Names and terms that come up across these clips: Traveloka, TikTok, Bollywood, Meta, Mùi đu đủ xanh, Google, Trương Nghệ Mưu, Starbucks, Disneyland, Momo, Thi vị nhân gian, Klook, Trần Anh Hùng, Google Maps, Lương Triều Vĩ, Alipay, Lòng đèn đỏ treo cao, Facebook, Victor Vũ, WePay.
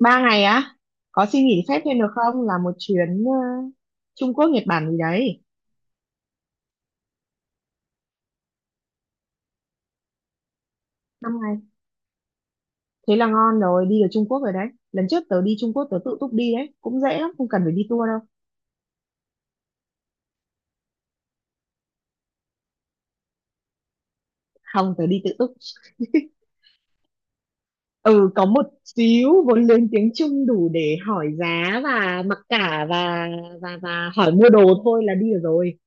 Ba ngày á? Có xin nghỉ phép thêm được không, là một chuyến Trung Quốc Nhật Bản gì đấy. Năm ngày, thế là ngon rồi, đi được Trung Quốc rồi đấy. Lần trước tớ đi Trung Quốc tớ tự túc đi đấy, cũng dễ lắm, không cần phải đi tour đâu. Không, tớ đi tự túc. Ừ, có một xíu vốn lên tiếng Trung đủ để hỏi giá và mặc cả và hỏi mua đồ thôi là đi được rồi.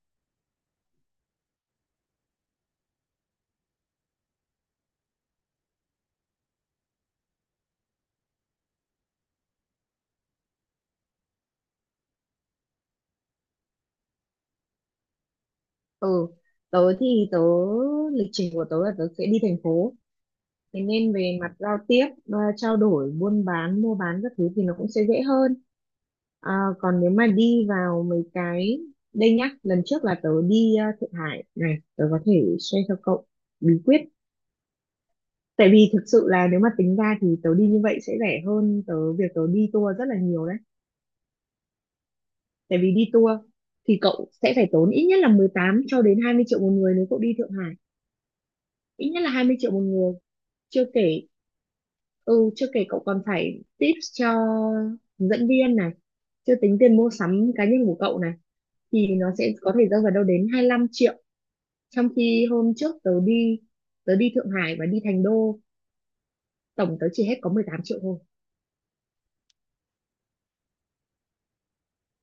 Ừ, tớ lịch trình của tớ là tớ sẽ đi thành phố, thế nên về mặt giao tiếp, trao đổi buôn bán mua bán các thứ thì nó cũng sẽ dễ hơn. À, còn nếu mà đi vào mấy cái, đây nhá, lần trước là tớ đi Thượng Hải này, tớ có thể share cho cậu bí quyết, tại vì thực sự là nếu mà tính ra thì tớ đi như vậy sẽ rẻ hơn tớ việc tớ đi tour rất là nhiều đấy. Tại vì đi tour thì cậu sẽ phải tốn ít nhất là 18 cho đến 20 triệu một người nếu cậu đi Thượng Hải, ít nhất là 20 triệu một người. Chưa kể, ừ, chưa kể cậu còn phải tips cho hướng dẫn viên này, chưa tính tiền mua sắm cá nhân của cậu này, thì nó sẽ có thể rơi vào đâu đến 25 triệu. Trong khi hôm trước tớ đi Thượng Hải và đi Thành Đô, tổng tớ chỉ hết có 18 triệu thôi.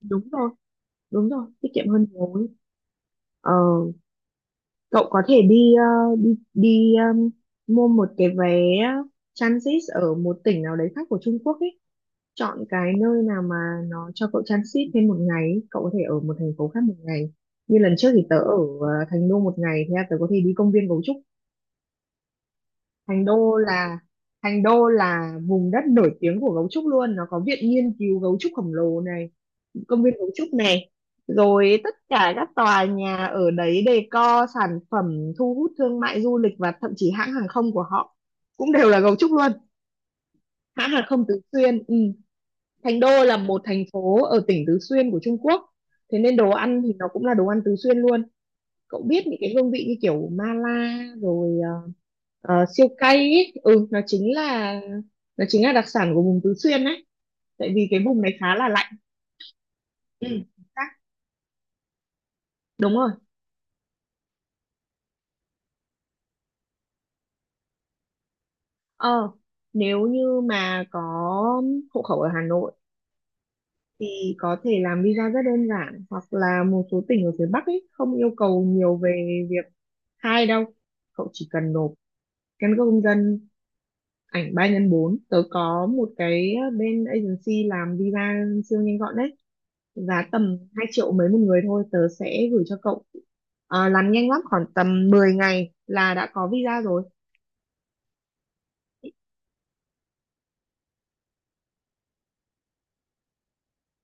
Đúng rồi, đúng rồi, tiết kiệm hơn nhiều ấy. Ờ, cậu có thể đi ờ, đi đi mua một cái vé transit ở một tỉnh nào đấy khác của Trung Quốc ý. Chọn cái nơi nào mà nó cho cậu transit thêm một ngày ý, cậu có thể ở một thành phố khác một ngày. Như lần trước thì tớ ở Thành Đô một ngày, thế là tớ có thể đi công viên gấu trúc. Thành đô là thành đô là vùng đất nổi tiếng của gấu trúc luôn, nó có viện nghiên cứu gấu trúc khổng lồ này, công viên gấu trúc này, rồi tất cả các tòa nhà ở đấy decor sản phẩm thu hút thương mại du lịch, và thậm chí hãng hàng không của họ cũng đều là gấu trúc luôn. Hãng hàng không Tứ Xuyên, ừ. Thành Đô là một thành phố ở tỉnh Tứ Xuyên của Trung Quốc, thế nên đồ ăn thì nó cũng là đồ ăn Tứ Xuyên luôn. Cậu biết những cái hương vị như kiểu mala rồi, siêu cay ấy. Ừ, nó chính là đặc sản của vùng Tứ Xuyên đấy, tại vì cái vùng này khá là lạnh. Ừ, chính xác. Đúng rồi. ờ Nếu như mà có hộ khẩu ở Hà Nội thì có thể làm visa rất đơn giản, hoặc là một số tỉnh ở phía Bắc ấy không yêu cầu nhiều về việc khai đâu. Cậu chỉ cần nộp căn cước công dân, ảnh 3x4. Tớ có một cái bên agency làm visa siêu nhanh gọn đấy, giá tầm 2 triệu mấy một người thôi, tớ sẽ gửi cho cậu. Ờ, làm nhanh lắm, khoảng tầm 10 ngày là đã có visa rồi.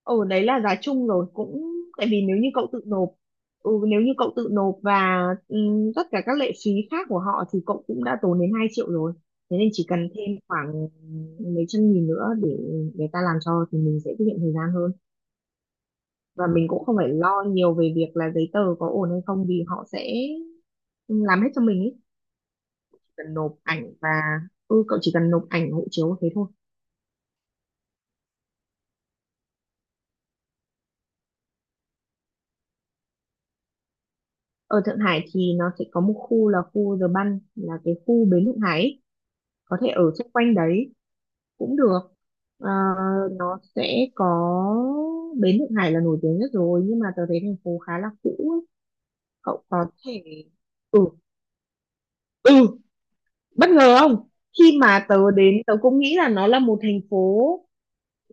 Ừ, đấy là giá chung rồi, cũng tại vì nếu như cậu tự nộp, ừ, nếu như cậu tự nộp và tất cả các lệ phí khác của họ thì cậu cũng đã tốn đến 2 triệu rồi. Thế nên chỉ cần thêm khoảng mấy trăm nghìn nữa để người ta làm cho thì mình sẽ tiết kiệm thời gian hơn, và mình cũng không phải lo nhiều về việc là giấy tờ có ổn hay không, vì họ sẽ làm hết cho mình ý. Chỉ cần nộp ảnh và, ừ, cậu chỉ cần nộp ảnh hộ chiếu thế thôi. Ở Thượng Hải thì nó sẽ có một khu là khu The Bund, là cái khu bến Thượng Hải ý, có thể ở xung quanh đấy cũng được. Ờ, nó sẽ có bến Thượng Hải là nổi tiếng nhất rồi, nhưng mà tớ thấy thành phố khá là cũ ấy. Cậu có thể, ừ, ừ, bất ngờ không? Khi mà tớ đến tớ cũng nghĩ là nó là một thành phố,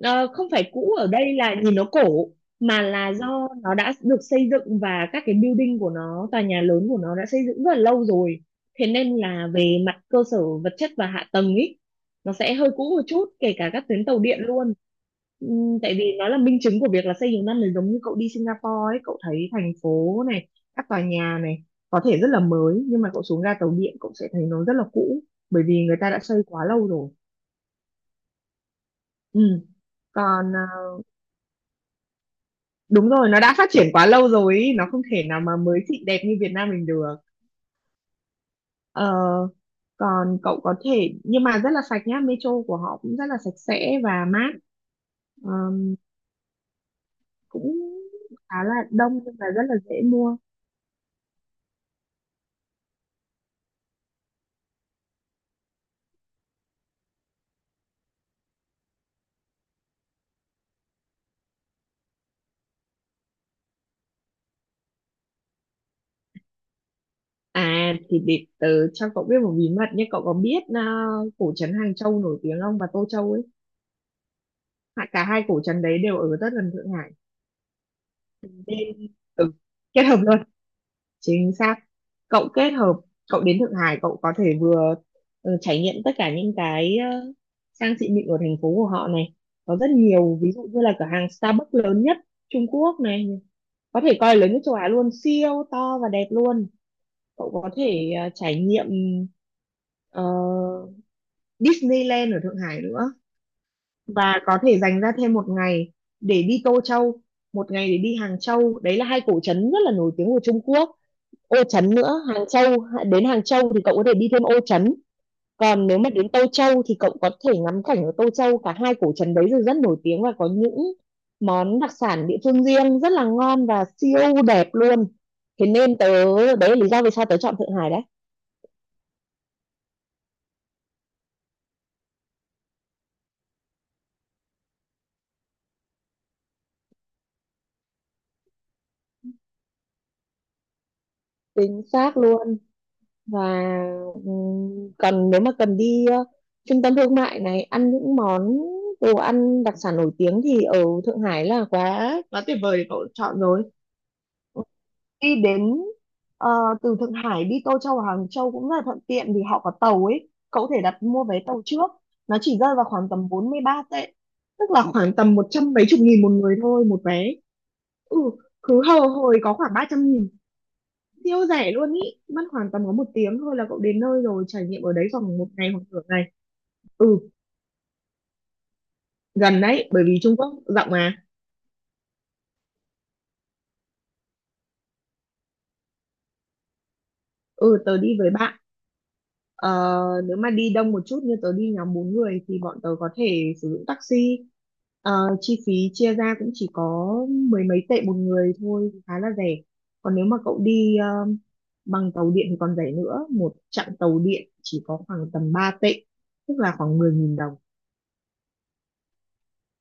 không phải cũ ở đây là nhìn nó cổ, mà là do nó đã được xây dựng và các cái building của nó, tòa nhà lớn của nó đã xây dựng rất là lâu rồi. Thế nên là về mặt cơ sở vật chất và hạ tầng ý, nó sẽ hơi cũ một chút, kể cả các tuyến tàu điện luôn. Tại vì nó là minh chứng của việc là xây nhiều năm, là giống như cậu đi Singapore ấy, cậu thấy thành phố này, các tòa nhà này có thể rất là mới nhưng mà cậu xuống ga tàu điện cậu sẽ thấy nó rất là cũ, bởi vì người ta đã xây quá lâu rồi. Ừ. Còn à, đúng rồi, nó đã phát triển quá lâu rồi ý, nó không thể nào mà mới xịn đẹp như Việt Nam mình được. Ờ, còn cậu có thể, nhưng mà rất là sạch nhá, metro của họ cũng rất là sạch sẽ và mát. Ờ, cũng khá là đông nhưng mà rất là dễ mua. À thì để tớ cho cậu biết một bí mật nhé, cậu có biết à, cổ trấn Hàng Châu nổi tiếng không và Tô Châu ấy? Cả hai cổ trấn đấy đều ở rất gần Thượng Hải nên, ừ, kết hợp luôn. Chính xác, cậu kết hợp, cậu đến Thượng Hải cậu có thể vừa, ừ, trải nghiệm tất cả những cái, sang xịn mịn của thành phố của họ này. Có rất nhiều, ví dụ như là cửa hàng Starbucks lớn nhất Trung Quốc này, có thể coi là lớn nhất châu Á luôn, siêu to và đẹp luôn. Cậu có thể trải nghiệm ờ, Disneyland ở Thượng Hải nữa, và có thể dành ra thêm một ngày để đi Tô Châu, một ngày để đi Hàng Châu. Đấy là hai cổ trấn rất là nổi tiếng của Trung Quốc. Ô Trấn nữa, Hàng Châu, đến Hàng Châu thì cậu có thể đi thêm Ô Trấn. Còn nếu mà đến Tô Châu thì cậu có thể ngắm cảnh ở Tô Châu, cả hai cổ trấn đấy đều rất nổi tiếng và có những món đặc sản địa phương riêng rất là ngon và siêu đẹp luôn. Thế nên tớ, đấy là lý do vì sao tớ chọn Thượng Hải đấy. Chính xác luôn. Và còn nếu mà cần đi trung tâm thương mại này, ăn những món đồ ăn đặc sản nổi tiếng thì ở Thượng Hải là quá quá tuyệt vời để cậu chọn rồi. Đi đến ờ, từ Thượng Hải đi Tô Châu hoặc Hàng Châu cũng rất là thuận tiện vì họ có tàu ấy, cậu có thể đặt mua vé tàu trước, nó chỉ rơi vào khoảng tầm 43 tệ, tức là khoảng tầm một trăm mấy chục nghìn một người thôi một vé. Ừ, cứ hầu hồi có khoảng 300 nghìn, siêu rẻ luôn ý, mất khoảng tầm có một tiếng thôi là cậu đến nơi rồi, trải nghiệm ở đấy khoảng một ngày hoặc nửa ngày. Ừ, gần đấy bởi vì Trung Quốc rộng mà. Ừ, tớ đi với bạn. ờ, Nếu mà đi đông một chút như tớ đi nhóm 4 người thì bọn tớ có thể sử dụng taxi. Ờ, chi phí chia ra cũng chỉ có mười mấy tệ một người thôi, khá là rẻ. Còn nếu mà cậu đi bằng tàu điện thì còn rẻ nữa, một chặng tàu điện chỉ có khoảng tầm 3 tệ, tức là khoảng 10 nghìn đồng.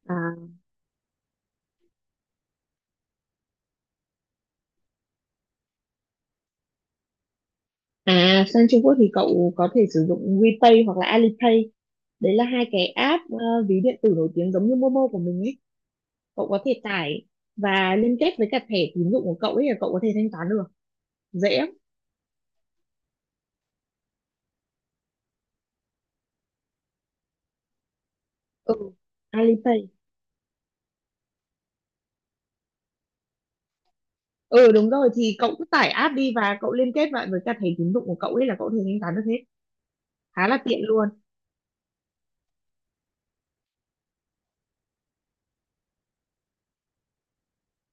À, à, sang Trung Quốc thì cậu có thể sử dụng WePay hoặc là Alipay. Đấy là hai cái app, ví điện tử nổi tiếng giống như Momo của mình ấy. Cậu có thể tải và liên kết với cả thẻ tín dụng của cậu ấy là cậu có thể thanh toán được. Dễ lắm. Ừ. Alipay. Ừ đúng rồi, thì cậu cứ tải app đi và cậu liên kết lại với cả thẻ tín dụng của cậu ấy là cậu có thể thanh toán được hết. Khá là tiện luôn.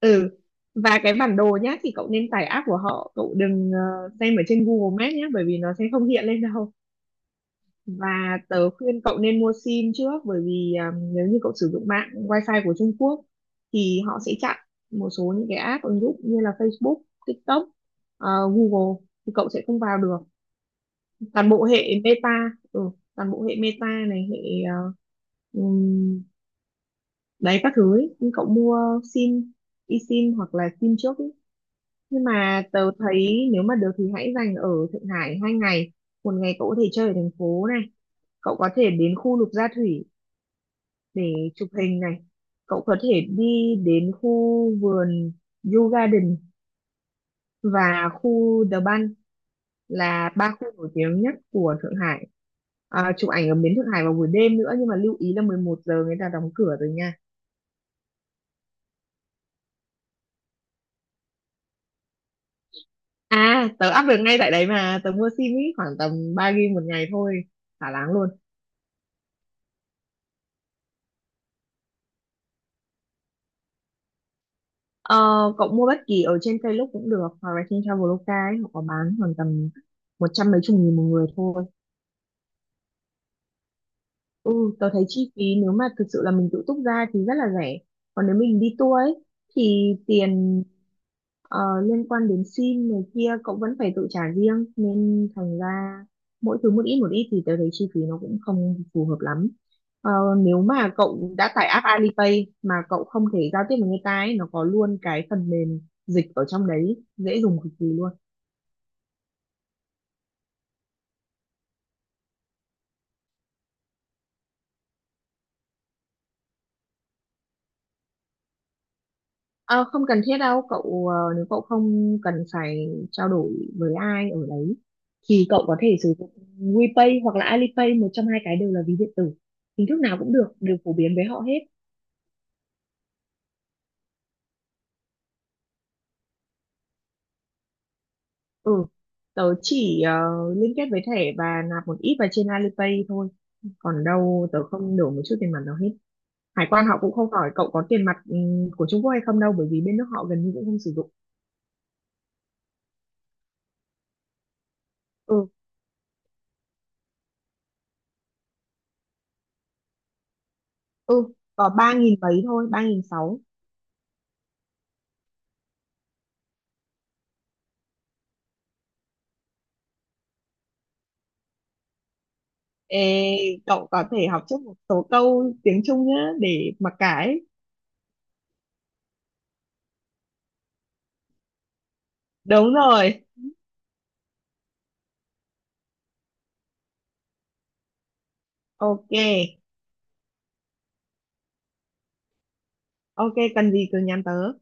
Ừ. Và cái bản đồ nhá, thì cậu nên tải app của họ, cậu đừng xem ở trên Google Maps nhé, bởi vì nó sẽ không hiện lên đâu. Và tớ khuyên cậu nên mua sim trước, bởi vì à, nếu như cậu sử dụng mạng wifi của Trung Quốc thì họ sẽ chặn một số những cái app ứng dụng như là Facebook, TikTok, Google thì cậu sẽ không vào được. Toàn bộ hệ Meta, ừ, toàn bộ hệ Meta này, hệ ờ, ừm, đấy các thứ ấy. Nhưng cậu mua sim, eSIM hoặc là sim trước ấy. Nhưng mà tớ thấy nếu mà được thì hãy dành ở Thượng Hải 2 ngày. Một ngày cậu có thể chơi ở thành phố này, cậu có thể đến khu Lục Gia Thủy để chụp hình này. Cậu có thể đi đến khu vườn Yew Garden và khu The Bund, là ba khu nổi tiếng nhất của Thượng Hải. À, chụp ảnh ở bến Thượng Hải vào buổi đêm nữa, nhưng mà lưu ý là 11 giờ người ta đóng cửa rồi nha. À, tớ up được ngay tại đấy mà, tớ mua sim ý, khoảng tầm 3 gig một ngày thôi, thả láng luôn. Ờ, cậu mua bất kỳ ở trên Klook cũng được, hoặc là trên Traveloka ấy, họ có bán khoảng tầm một trăm mấy chục nghìn một người thôi. Ừ, tớ thấy chi phí nếu mà thực sự là mình tự túc ra thì rất là rẻ. Còn nếu mình đi tour ấy thì tiền liên quan đến sim này kia cậu vẫn phải tự trả riêng, nên thành ra mỗi thứ một ít thì tớ thấy chi phí nó cũng không phù hợp lắm. Ờ, nếu mà cậu đã tải app Alipay mà cậu không thể giao tiếp với người ta ấy, nó có luôn cái phần mềm dịch ở trong đấy, dễ dùng cực kỳ luôn. Ờ, không cần thiết đâu cậu, nếu cậu không cần phải trao đổi với ai ở đấy thì cậu có thể sử dụng WePay hoặc là Alipay, một trong hai cái đều là ví điện tử, hình thức nào cũng được, đều phổ biến với họ hết. Ừ, tớ chỉ liên kết với thẻ và nạp một ít vào trên Alipay thôi. Còn đâu tớ không đổ một chút tiền mặt nào hết. Hải quan họ cũng không hỏi cậu có tiền mặt của Trung Quốc hay không đâu, bởi vì bên nước họ gần như cũng không sử dụng. Ừ, ừ, có 3.000 mấy thôi, 3.600. Ê, cậu có thể học trước một số câu tiếng Trung nhá để mặc cái. Đúng rồi, ok. Ok, cần gì cứ nhắn tớ.